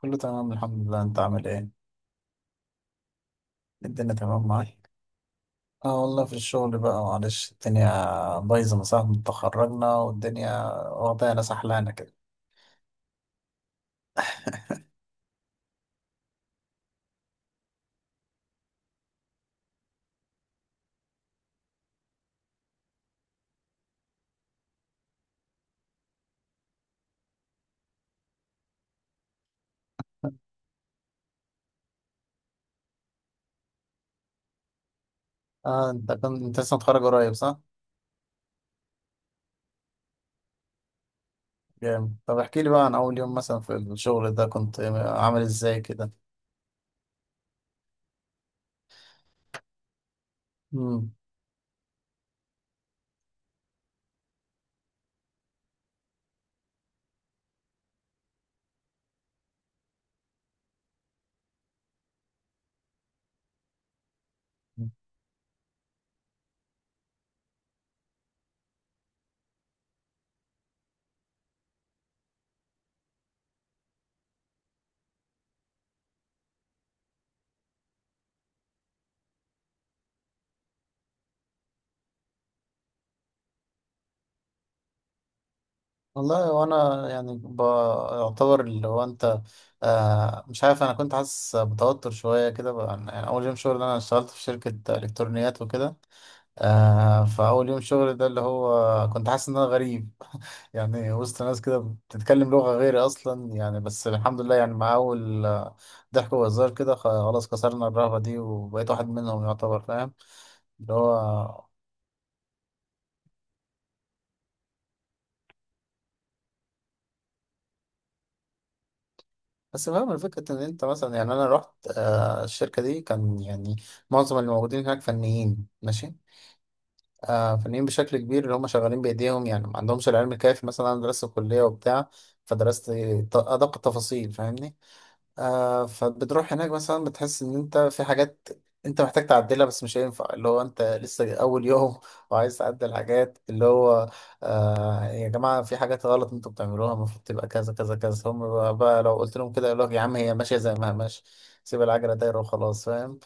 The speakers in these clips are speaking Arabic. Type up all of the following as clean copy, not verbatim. كله تمام، الحمد لله. انت عامل ايه؟ الدنيا تمام معاك؟ اه والله، في الشغل بقى معلش. الدنيا بايظه من ساعه ما اتخرجنا، والدنيا واخدانا سحلانه كده. اه، انت كنت لسه متخرج قريب، صح؟ جامد. طب احكي لي بقى عن اول يوم مثلا في الشغل ده، كنت عامل ازاي كده؟ امم. والله، وانا يعني بعتبر اللي هو انت. مش عارف، انا كنت حاسس بتوتر شويه كده بقى. يعني اول يوم شغل انا اشتغلت في شركه الكترونيات وكده. فأول يوم شغل ده اللي هو كنت حاسس إن أنا غريب يعني وسط ناس كده بتتكلم لغة غيري أصلا يعني. بس الحمد لله، يعني مع أول ضحك وهزار كده خلاص كسرنا الرهبة دي، وبقيت واحد منهم يعتبر. فاهم؟ اللي هو بس فاهم الفكرة إن أنت مثلا. يعني أنا رحت الشركة دي، كان يعني معظم اللي موجودين هناك فنيين. ماشي؟ فنيين بشكل كبير، اللي هم شغالين بإيديهم يعني ما عندهمش العلم الكافي. مثلا أنا درست في كلية وبتاع، فدرست أدق التفاصيل. فاهمني؟ فبتروح هناك مثلا، بتحس ان انت في حاجات انت محتاج تعدلها، بس مش هينفع اللي هو انت لسه اول يوم وعايز تعدل حاجات. اللي هو يا جماعة، في حاجات غلط انتوا بتعملوها، المفروض تبقى كذا كذا كذا. هم بقى لو قلت لهم كده يقول لك يا عم، هي ماشية زي ما هي ماشية، سيب العجلة دايرة وخلاص. فاهم؟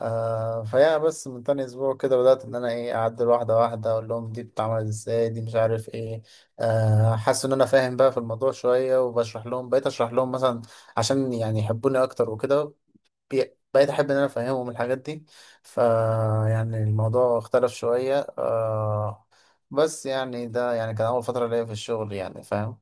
فيا، بس من تاني اسبوع كده بدأت ان انا ايه، اعدل واحدة واحدة، اقول لهم دي بتتعمل ازاي، دي مش عارف ايه. حاسس ان انا فاهم بقى في الموضوع شوية وبشرح لهم. بقيت اشرح لهم مثلا عشان يعني يحبوني اكتر وكده. بقيت احب ان انا افهمهم الحاجات دي. ف يعني الموضوع اختلف شوية بس يعني ده يعني كان اول فترة ليا في الشغل يعني. فاهم؟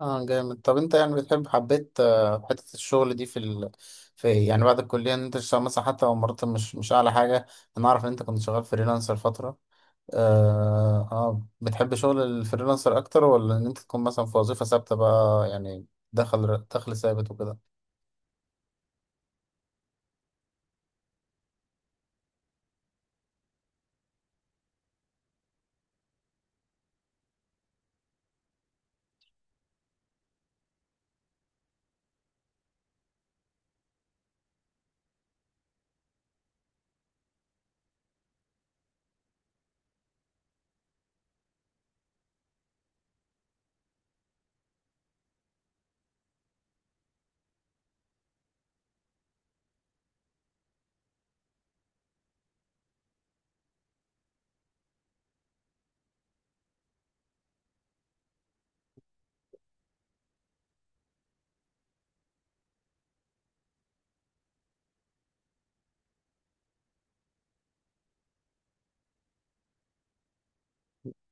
اه جامد. طب انت يعني بتحب، حبيت حتة الشغل دي في في يعني بعد الكلية ان انت تشتغل مثلا، حتى لو مرتب مش اعلى حاجة. انا اعرف ان انت كنت شغال فريلانسر فترة. بتحب شغل الفريلانسر اكتر، ولا ان انت تكون مثلا في وظيفة ثابتة بقى يعني؟ دخل ثابت وكده؟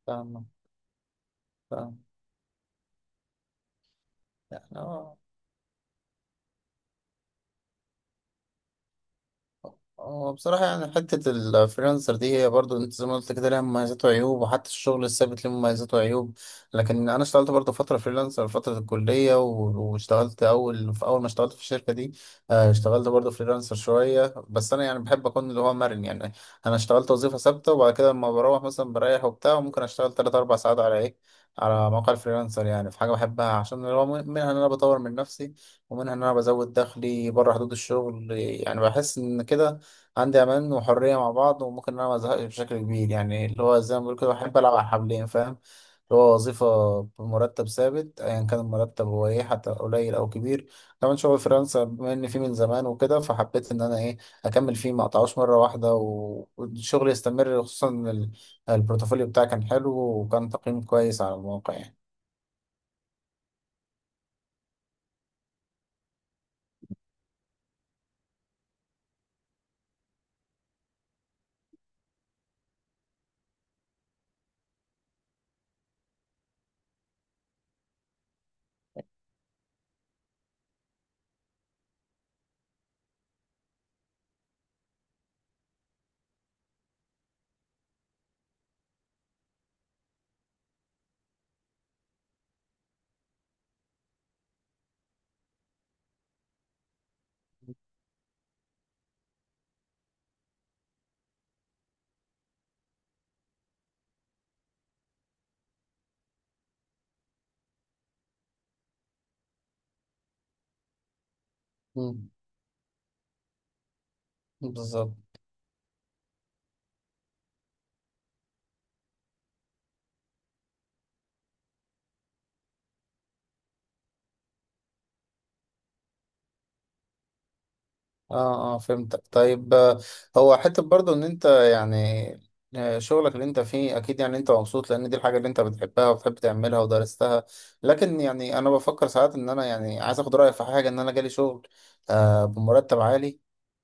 فاهم. فاهم يعني. اه، هو بصراحة يعني حتة الفريلانسر دي، هي برضو انت زي ما قلت كده، لها مميزات وعيوب، وحتى الشغل الثابت له مميزات وعيوب. لكن انا اشتغلت برضو فترة فريلانسر فترة الكلية، واشتغلت اول ما اشتغلت في الشركة دي. اشتغلت برضو فريلانسر شوية. بس انا يعني بحب اكون اللي هو مرن يعني. انا اشتغلت وظيفة ثابتة، وبعد كده لما بروح مثلا بريح وبتاع، وممكن اشتغل 3 4 ساعات على ايه، على موقع الفريلانسر. يعني في حاجة بحبها، عشان اللي هو منها ان انا بطور من نفسي، ومنها إن أنا بزود دخلي بره حدود الشغل. يعني بحس إن كده عندي أمان وحرية مع بعض، وممكن إن أنا مزهقش بشكل كبير. يعني اللي هو زي ما بقول كده، بحب ألعب على حبلين. فاهم؟ اللي هو وظيفة بمرتب ثابت، أيا كان المرتب هو إيه، حتى قليل أو كبير. كمان شغل فريلانسر، بما إن فيه من زمان وكده، فحبيت إن أنا إيه، أكمل فيه، ما أقطعوش مرة واحدة، والشغل يستمر، خصوصا إن البورتفوليو بتاعي كان حلو، وكان تقييم كويس على المواقع يعني. مم. بالظبط. اه اه، فهمتك. طيب، هو حتة برضو ان انت يعني، شغلك اللي انت فيه اكيد يعني انت مبسوط، لان دي الحاجة اللي انت بتحبها وبتحب تعملها ودرستها. لكن يعني انا بفكر ساعات ان انا يعني عايز اخد رأيك في حاجة. ان انا جالي شغل بمرتب عالي،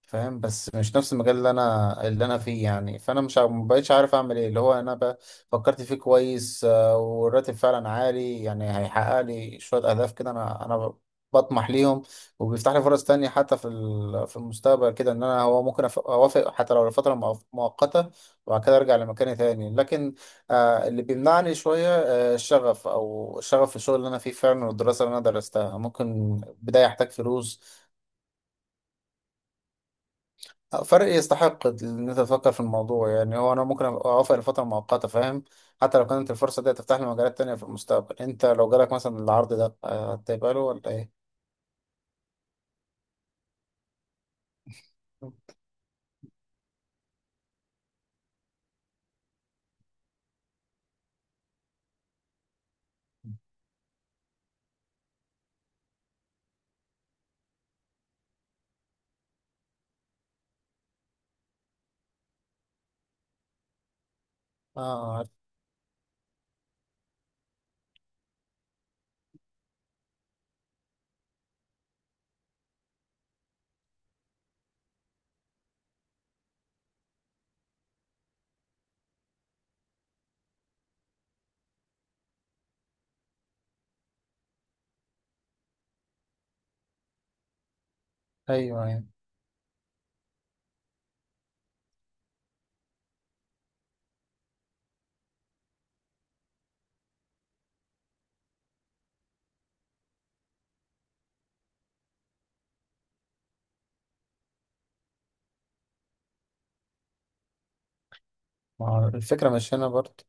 فاهم؟ بس مش نفس المجال اللي انا فيه يعني. فانا مش عارف- مبقتش عارف اعمل ايه. اللي هو انا بقى فكرت فيه كويس. والراتب فعلا عالي، يعني هيحقق لي شوية اهداف كده انا بطمح ليهم. وبيفتح لي فرص تانية حتى في في المستقبل كده، ان انا هو ممكن اوافق حتى لو لفترة مؤقتة، وبعد كده ارجع لمكاني تاني. لكن اللي بيمنعني شوية الشغف في الشغل اللي انا فيه فعلا، والدراسة اللي انا درستها. ممكن بداية احتاج فلوس. فرق يستحق ان انت تفكر في الموضوع يعني. هو انا ممكن أبقى اوافق لفترة مؤقتة، فاهم؟ حتى لو كانت الفرصة دي هتفتح لي مجالات تانية في المستقبل. انت لو جالك مثلا العرض ده هتقبله ولا ايه؟ اه، عارف. ايوه، ايوه. ما هو الفكرة مش هنا برضه.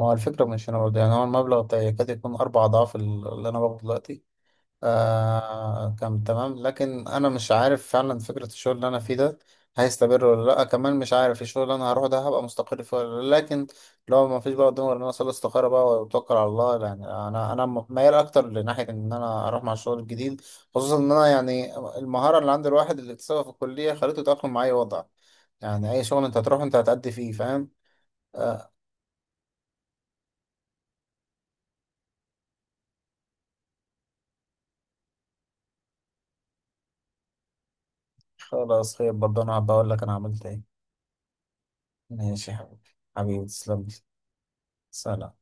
هو الفكرة مش هنا برضه يعني. هو المبلغ ده يكاد يكون 4 أضعاف اللي أنا باخده دلوقتي. كان تمام، لكن أنا مش عارف فعلا فكرة الشغل اللي أنا فيه ده هيستمر ولا لأ، كمان مش عارف الشغل اللي أنا هروح ده هبقى مستقر فيه ولا لأ. لكن لو ما فيش بقى قدامي غير إن أنا أصلي استخارة بقى وأتوكل على الله، يعني أنا ميال أكتر لناحية إن أنا أروح مع الشغل الجديد، خصوصا إن أنا يعني المهارة اللي عند الواحد اللي اكتسبها في الكلية خليته يتأقلم مع أي وضع. يعني أي شغل أنت هتروح أنت هتأدي فيه، فاهم؟ خلاص، خير برضه. انا هبقى اقول لك انا عملت ايه. ماشي يا حبيبي. حبيبي تسلم لي. سلام.